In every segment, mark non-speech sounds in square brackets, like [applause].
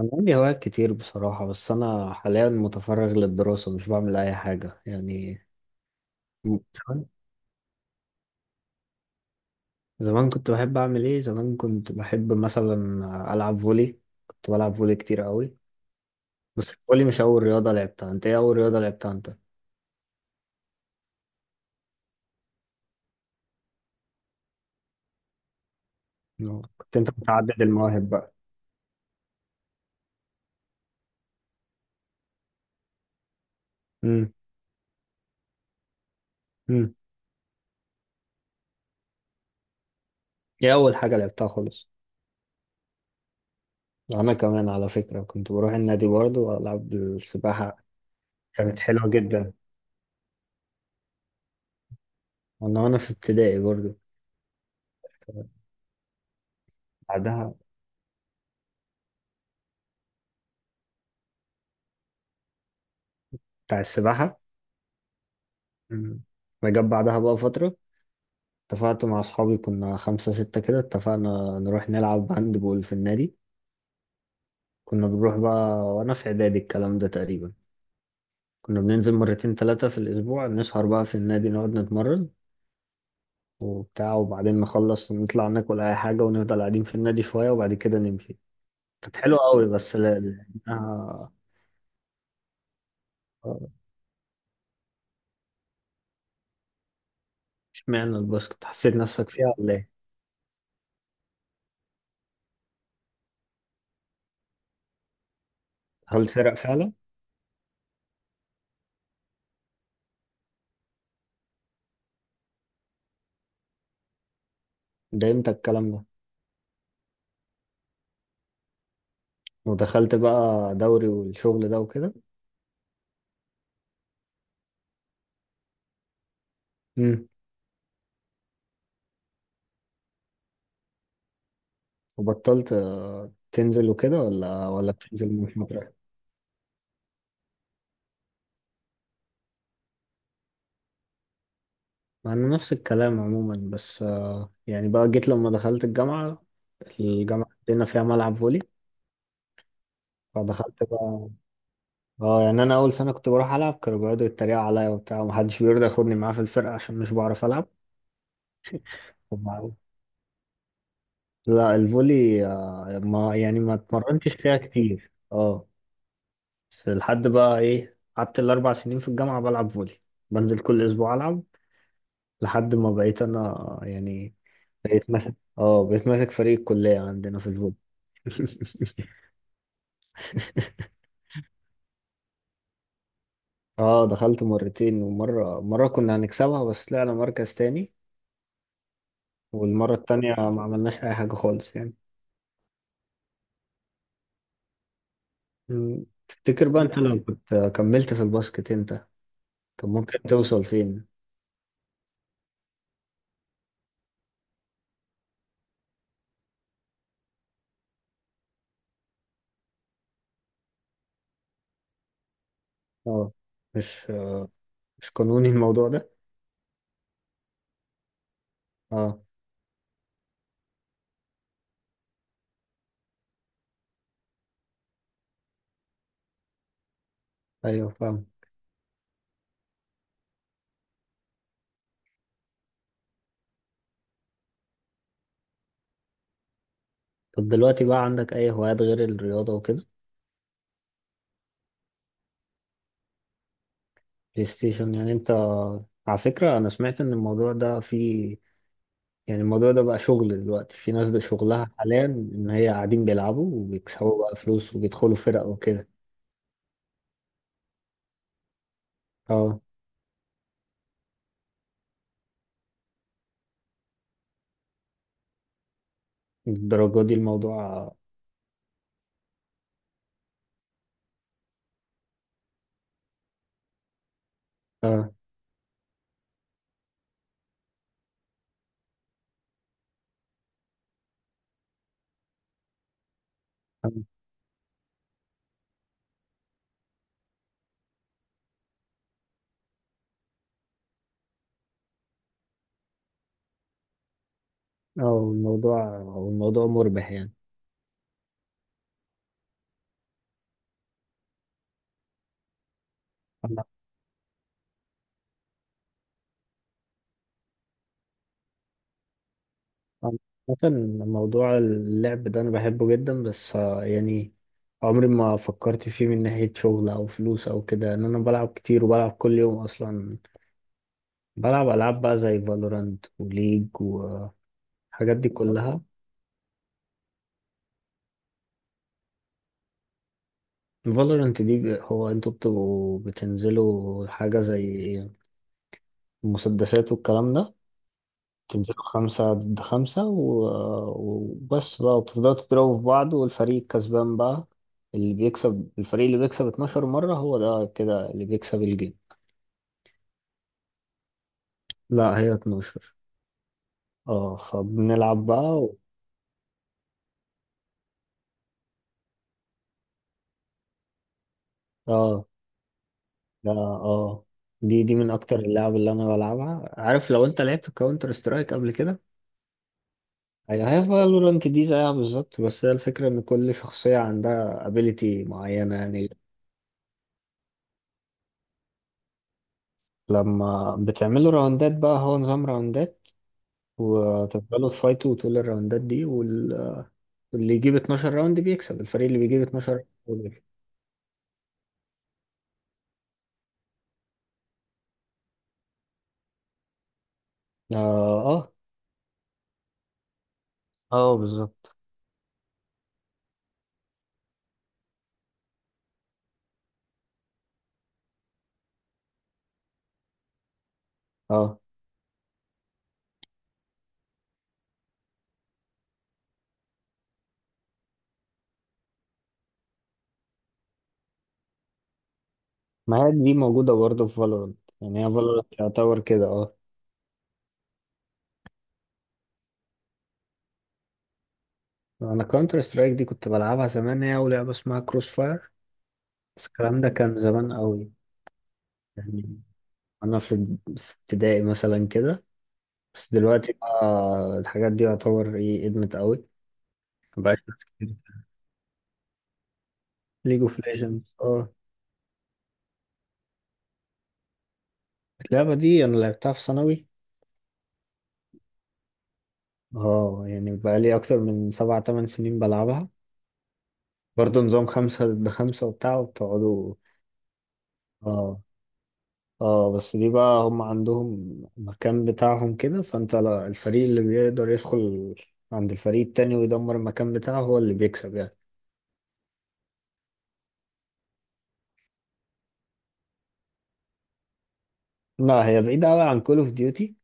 أنا عندي هوايات كتير بصراحة، بس أنا حاليا متفرغ للدراسة، مش بعمل أي حاجة يعني. زمان. زمان كنت بحب أعمل إيه؟ زمان كنت بحب مثلا ألعب فولي. كنت بلعب فولي كتير قوي. بس الفولي مش أول رياضة لعبتها. أنت إيه أول رياضة لعبتها أنت؟ نعم. كنت أنت متعدد المواهب بقى. امم. امم. إيه أول حاجة لعبتها خالص؟ أنا كمان على فكرة كنت بروح النادي برضه وألعب السباحة، كانت حلوة جدا. وأنا في ابتدائي برضه. بعدها. بتاع السباحة. مم. فجت بعدها بقى فترة، اتفقت مع أصحابي، كنا خمسة ستة كده، اتفقنا نروح نلعب هاند بول في النادي. كنا بنروح بقى وأنا في إعدادي الكلام ده تقريبا. كنا بننزل مرتين تلاتة في الأسبوع، نسهر بقى في النادي، نقعد نتمرن وبتاع، وبعدين نخلص نطلع ناكل أي حاجة، ونفضل قاعدين في النادي شوية وبعد كده نمشي. كانت حلوة أوي بس، اشمعنى الباسكت، حسيت نفسك فيها ولا إيه؟ دخلت فرق فعلا؟ ده إمتى الكلام ده؟ ودخلت بقى دوري والشغل ده وكده؟ وبطلت تنزل وكده، ولا بتنزل من المدرسة؟ مع إن نفس الكلام عموما، بس يعني بقى جيت لما دخلت الجامعة. الجامعة عندنا فيها ملعب فولي، فدخلت بقى. اه، يعني أنا أول سنة كنت بروح ألعب، كانوا بيقعدوا يتريقوا عليا وبتاع، ومحدش بيرضى ياخدني معاه في الفرقة عشان مش بعرف ألعب. وبعد- لا، الفولي ما يعني، ما اتمرنتش فيها كتير اه. بس لحد بقى إيه، قعدت الأربع سنين في الجامعة بلعب فولي، بنزل كل أسبوع ألعب، لحد ما بقيت انا يعني بقيت ماسك فريق الكلية عندنا في الفوتبول. [laughs] اه، دخلت مرتين، ومرة كنا هنكسبها بس طلعنا مركز تاني، والمرة التانية ما عملناش أي حاجة خالص يعني. مم. تفتكر بقى أنت لو كنت كملت في الباسكت أنت، كان ممكن توصل فين؟ اه. مش آه، مش قانوني الموضوع ده؟ اه. أيوه فاهم. طب دلوقتي بقى عندك أي هوايات غير الرياضة وكده؟ بلاي ستيشن يعني أنت. على فكرة أنا سمعت إن الموضوع ده فيه، يعني الموضوع ده بقى شغل دلوقتي، في ناس ده شغلها حاليا ان هي قاعدين بيلعبوا وبيكسبوا بقى فلوس وبيدخلوا فرق وكده. اه، الدرجة دي الموضوع. اه. اه. آه، الموضوع الموضوع مربح يعني. انا أنا- مثلا موضوع اللعب ده انا بحبه جدا، بس يعني عمري ما فكرت فيه من ناحية شغل او فلوس او كده، ان انا بلعب كتير وبلعب كل يوم اصلا. بلعب العاب بقى زي فالورانت وليج والحاجات دي كلها. فالورنت دي هو انتوا بتبقوا بتنزلوا حاجة زي مسدسات والكلام ده. تنزلوا خمسة ضد خمسة وبس بقى، وبتفضلوا تضربوا في بعض، والفريق الكسبان بقى اللي بيكسب، الفريق اللي بيكسب 12 مرة هو ده كده اللي بيكسب الجيم. لا، هي 12. اه فبنلعب بقى اه. لا اه. دي من اكتر اللعب اللي انا بلعبها. عارف لو انت لعبت كاونتر سترايك قبل كده، يعني هي فالورانت دي زيها بالظبط، بس هي الفكرة إن كل شخصية عندها ابيليتي معينة يعني. لما بتعملوا راوندات بقى، هو نظام راوندات، وتفضلوا تفايتوا طول الراوندات دي واللي يجيب 12 راوند بيكسب، الفريق اللي بيجيب 12 راوند هو اللي بيكسب. اه. اه. اه بالظبط. اه، ما هي دي موجودة برضه في فالورانت، يعني هي فالورانت يعتبر كده اه. أنا كونتر سترايك دي كنت بلعبها زمان، هي ولعبة اسمها كروس فاير، بس الكلام ده كان زمان قوي. يعني انا في ابتدائي مثلا كده. بس دلوقتي بقى الحاجات دي يعتبر ايه، ادمت قوي. مبقاش. ليج اوف ليجندز اه. اللعبة دي انا لعبتها في ثانوي. اه، يعني بقى لي اكتر من سبع تمن سنين بلعبها. برضه نظام خمسة ضد خمسة وبتاع وبتقعدوا. اه. اه، بس دي بقى هم عندهم مكان بتاعهم كده، فانت لا- الفريق اللي بيقدر يدخل عند الفريق التاني ويدمر المكان بتاعه هو اللي بيكسب يعني. لا، هي بعيدة أوي عن كول اوف ديوتي.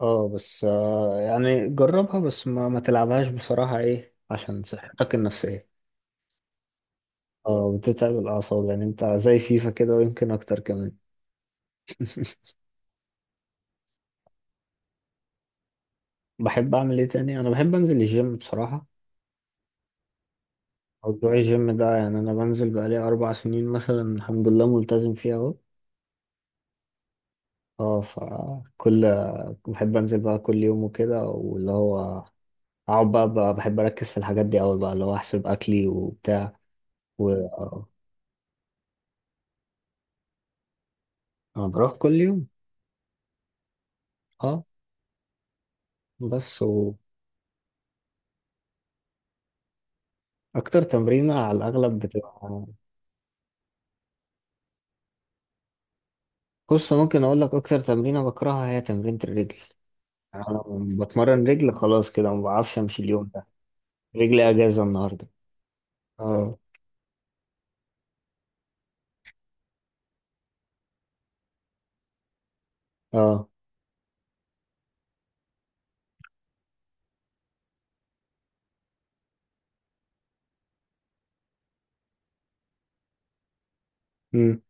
اه، بس يعني جربها، بس ما تلعبهاش بصراحة ايه عشان صحتك النفسية. اه، بتتعب الأعصاب، يعني انت زي فيفا كده ويمكن أكتر كمان. [laughs] بحب أعمل ايه تاني؟ أنا بحب أنزل الجيم بصراحة. موضوع الجيم ده يعني أنا بنزل بقالي 4 سنين مثلا الحمد لله، ملتزم فيه أهو. اه، فكل. بحب أنزل بقى كل يوم وكده، واللي هو أقعد بقى بحب أركز في الحاجات دي أوي بقى، اللي هو أحسب أكلي وبتاع. و أنا بروح كل يوم. اه، بس اكتر تمرينة على الاغلب بتبقى. بص ممكن اقول لك اكتر تمرينة بكرهها، هي تمرينة الرجل. يعني انا لما بتمرن رجل خلاص كده ما بعرفش امشي اليوم ده، رجلي اجازة النهاردة. اه. اه. امم.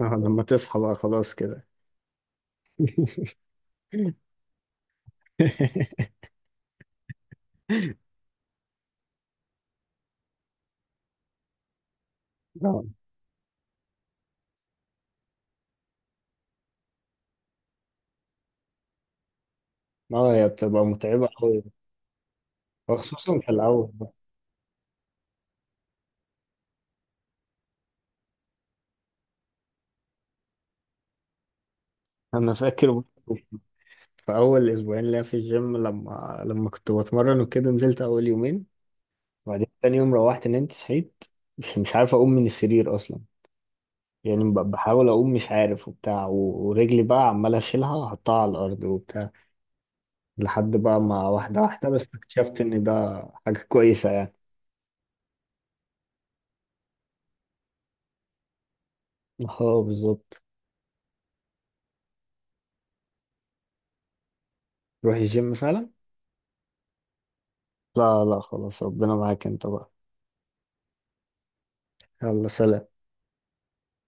آه لما تصحى بقى خلاص كده. [laughs] اه هي بتبقى متعبة قوي خصوصا في الاول بقى. انا فاكر برضه في اول اسبوعين ليا في الجيم، لما كنت بتمرن وكده، نزلت اول يومين، وبعدين تاني يوم روحت نمت صحيت، مش عارف اقوم من السرير اصلا، يعني بحاول اقوم مش عارف وبتاع، ورجلي بقى عمال اشيلها واحطها على الارض وبتاع. لحد بقى ما واحده واحده بس اكتشفت ان ده حاجه كويسه يعني. اه بالظبط. روح الجيم فعلا. لا لا خلاص، ربنا معاك انت بقى. يلا سلام.